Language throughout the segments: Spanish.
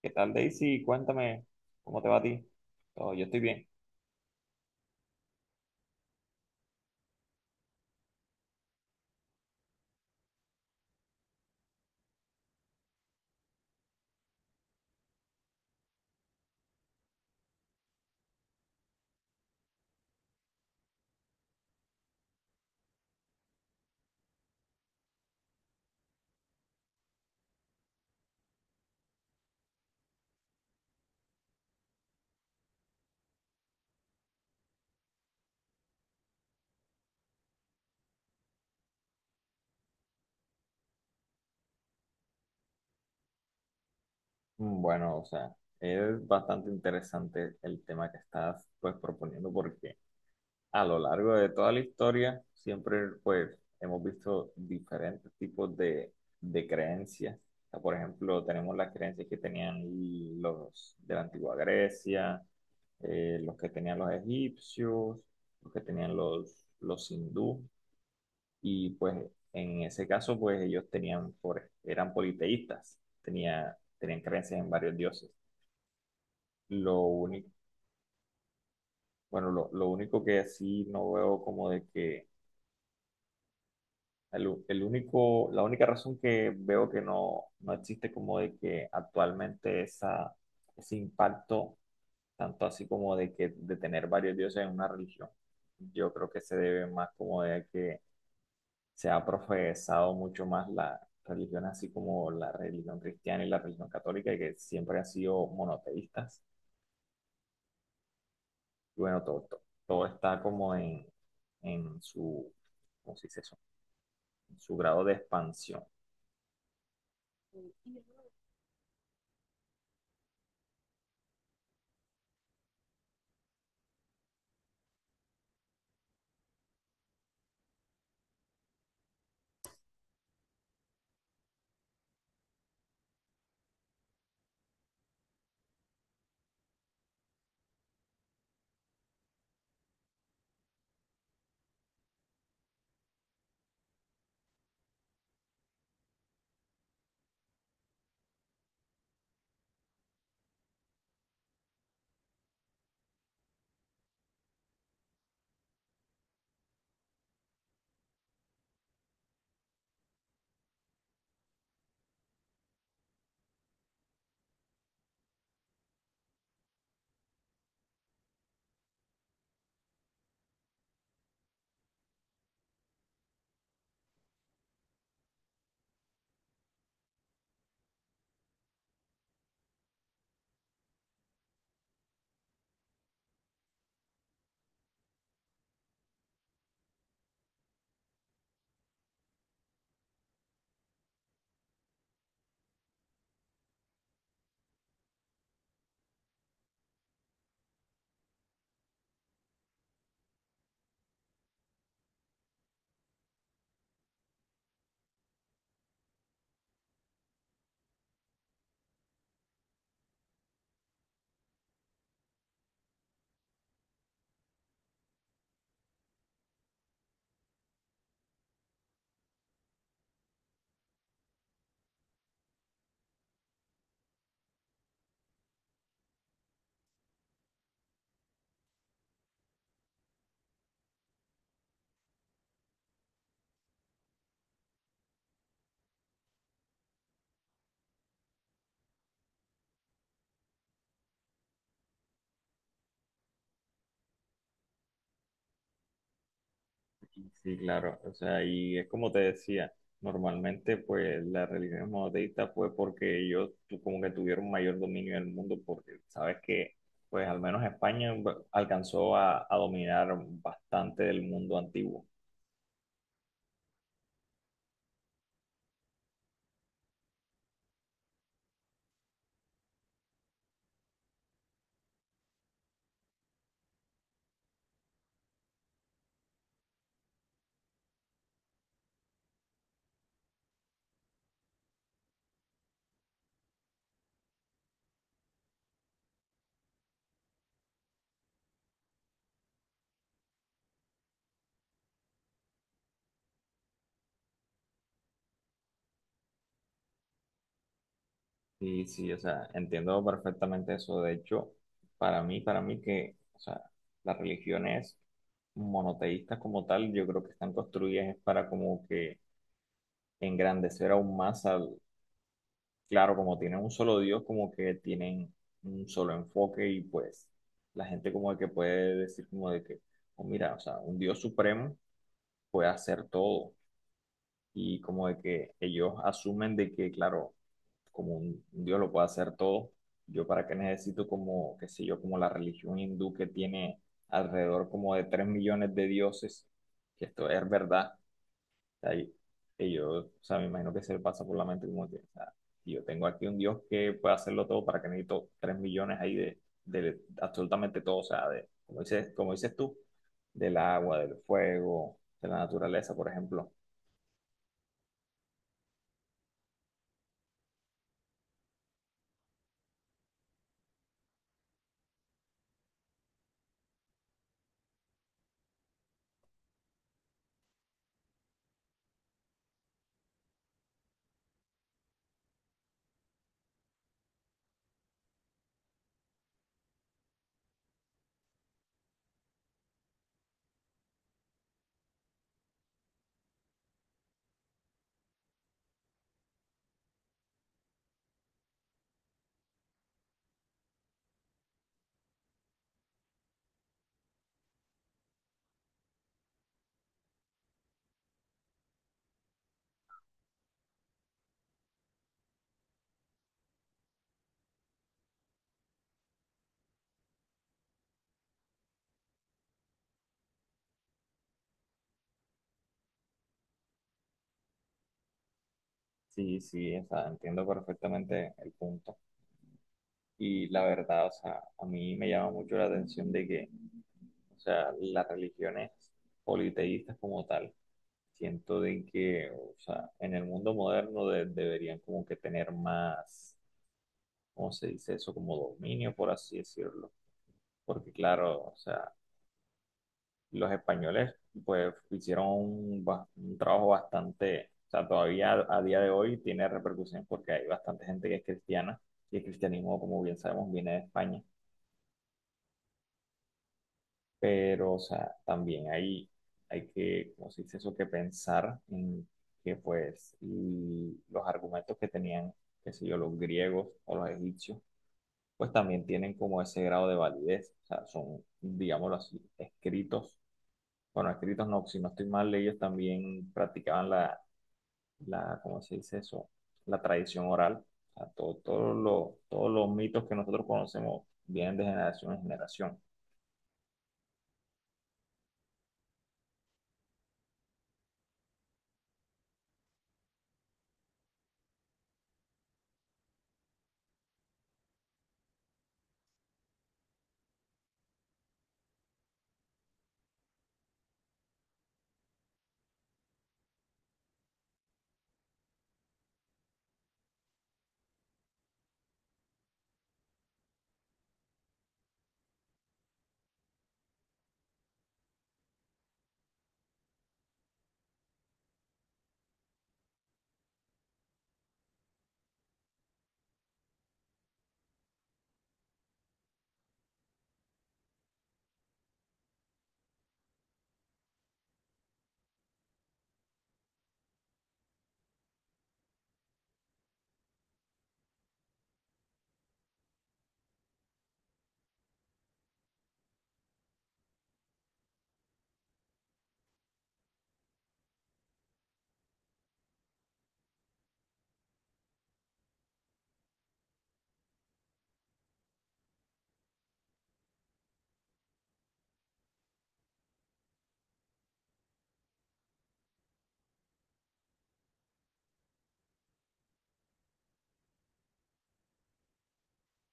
¿Qué tal, Daisy? Cuéntame cómo te va a ti. Oh, yo estoy bien. Mm, bueno, o sea, es bastante interesante el tema que estás pues proponiendo porque a lo largo de toda la historia siempre pues hemos visto diferentes tipos de creencias. O sea, por ejemplo, tenemos las creencias que tenían los de la antigua Grecia, los que tenían los egipcios, los que tenían los hindúes. Y pues en ese caso, pues ellos tenían, eran politeístas, tenían creencias en varios dioses. Lo único, bueno, lo único que sí no veo como de que, el único, la única razón que veo que no existe como de que actualmente esa, ese impacto, tanto así como de que de tener varios dioses en una religión, yo creo que se debe más como de que se ha profesado mucho más la religión, así como la religión cristiana y la religión católica, y que siempre han sido monoteístas. Y bueno, todo está como en su, ¿cómo se dice eso? En su grado de expansión. Sí, claro, o sea, y es como te decía, normalmente pues la religión monoteísta fue porque ellos como que tuvieron mayor dominio del mundo, porque sabes que pues al menos España alcanzó a dominar bastante del mundo antiguo. Sí, sí, o sea, entiendo perfectamente eso. De hecho, para mí que, o sea, las religiones monoteístas como tal, yo creo que están construidas es para como que engrandecer aún más al, claro, como tienen un solo Dios, como que tienen un solo enfoque y pues la gente como que puede decir como de que, oh, mira, o sea, un Dios supremo puede hacer todo y como de que ellos asumen de que, claro, como un Dios lo puede hacer todo, yo para qué necesito como, qué sé yo, como la religión hindú que tiene alrededor como de 3 millones de dioses, que esto es verdad, o sea, ellos, o sea, me imagino que se le pasa por la mente como que, o sea, si yo tengo aquí un Dios que puede hacerlo todo, para qué necesito 3 millones ahí de absolutamente todo, o sea, de, como dices tú, del agua, del fuego, de la naturaleza, por ejemplo. Sí, sí, o sea, entiendo perfectamente el punto. Y la verdad, o sea, a mí me llama mucho la atención de que, o sea, las religiones politeístas como tal, siento de que, o sea, en el mundo moderno deberían como que tener más, ¿cómo se dice eso? Como dominio, por así decirlo. Porque claro, o sea, los españoles pues hicieron un, un trabajo bastante, o sea, todavía a día de hoy tiene repercusión porque hay bastante gente que es cristiana y el cristianismo, como bien sabemos, viene de España, pero, o sea, también hay que, ¿cómo se dice eso?, que pensar en que pues y los argumentos que tenían, qué sé yo, los griegos o los egipcios, pues también tienen como ese grado de validez, o sea, son, digámoslo así, escritos. Bueno, escritos no, si no estoy mal, ellos también practicaban ¿cómo se dice eso? La tradición oral. O sea, todos los mitos que nosotros conocemos vienen de generación en generación.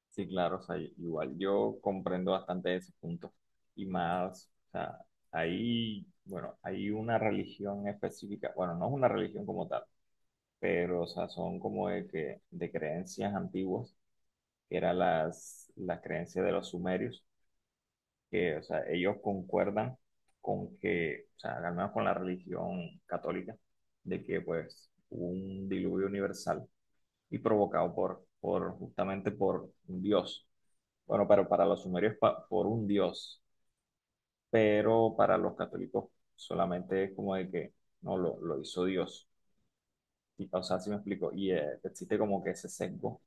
Sí, claro, o sea, igual yo comprendo bastante ese punto. Y más, o sea, hay, bueno, hay una religión específica, bueno, no es una religión como tal, pero, o sea, son como de que, de creencias antiguas, que eran las creencias de los sumerios que, o sea, ellos concuerdan con que, o sea, al menos con la religión católica, de que pues hubo un diluvio universal y provocado por justamente por un dios. Bueno, pero para los sumerios por un dios, pero para los católicos solamente es como de que no lo hizo Dios. Y, o sea, si me explico, y existe como que ese sesgo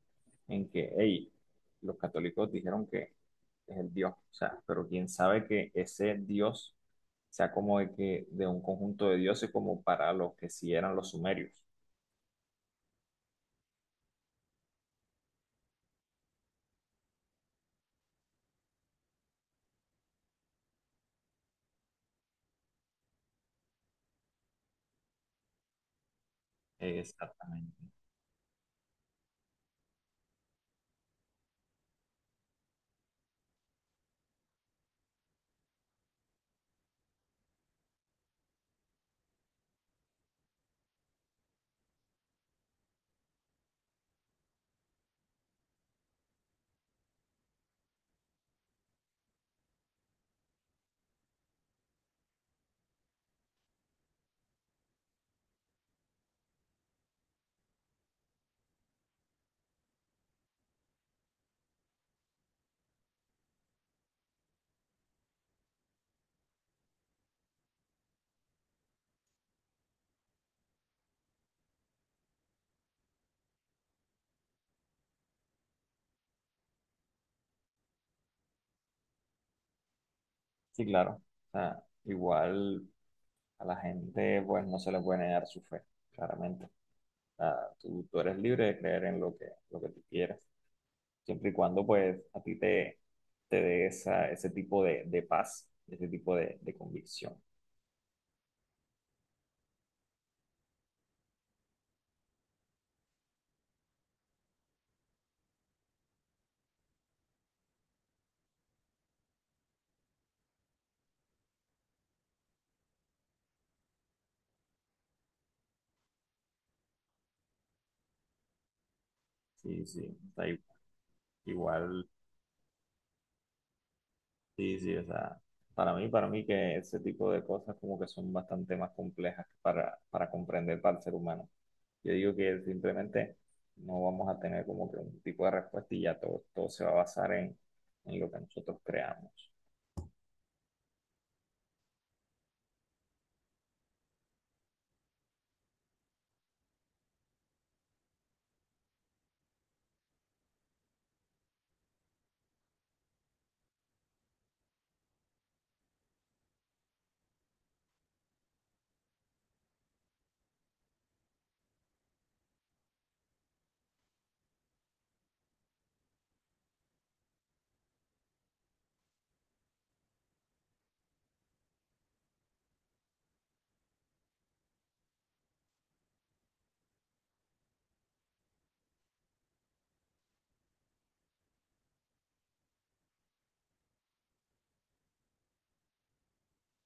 en que, hey, los católicos dijeron que es el Dios, o sea, pero quién sabe que ese Dios sea como de que de un conjunto de dioses como para los que sí eran los sumerios. Exactamente. Sí, claro. O sea, igual a la gente pues no se le puede negar su fe, claramente. O sea, tú eres libre de creer en lo que tú quieras. Siempre y cuando pues a ti te dé esa, ese tipo de paz, ese tipo de convicción. Sí, sí, o sea, igual, sí, sí, o sea, para mí que ese tipo de cosas como que son bastante más complejas para comprender para el ser humano. Yo digo que simplemente no vamos a tener como que un tipo de respuesta y ya todo, todo se va a basar en lo que nosotros creamos.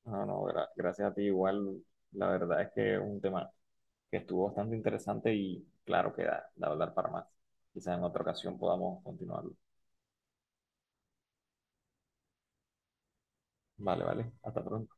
No, no, gracias a ti igual, la verdad es que es un tema que estuvo bastante interesante y claro que da, da hablar para más. Quizás en otra ocasión podamos continuarlo. Vale, vale. Hasta pronto.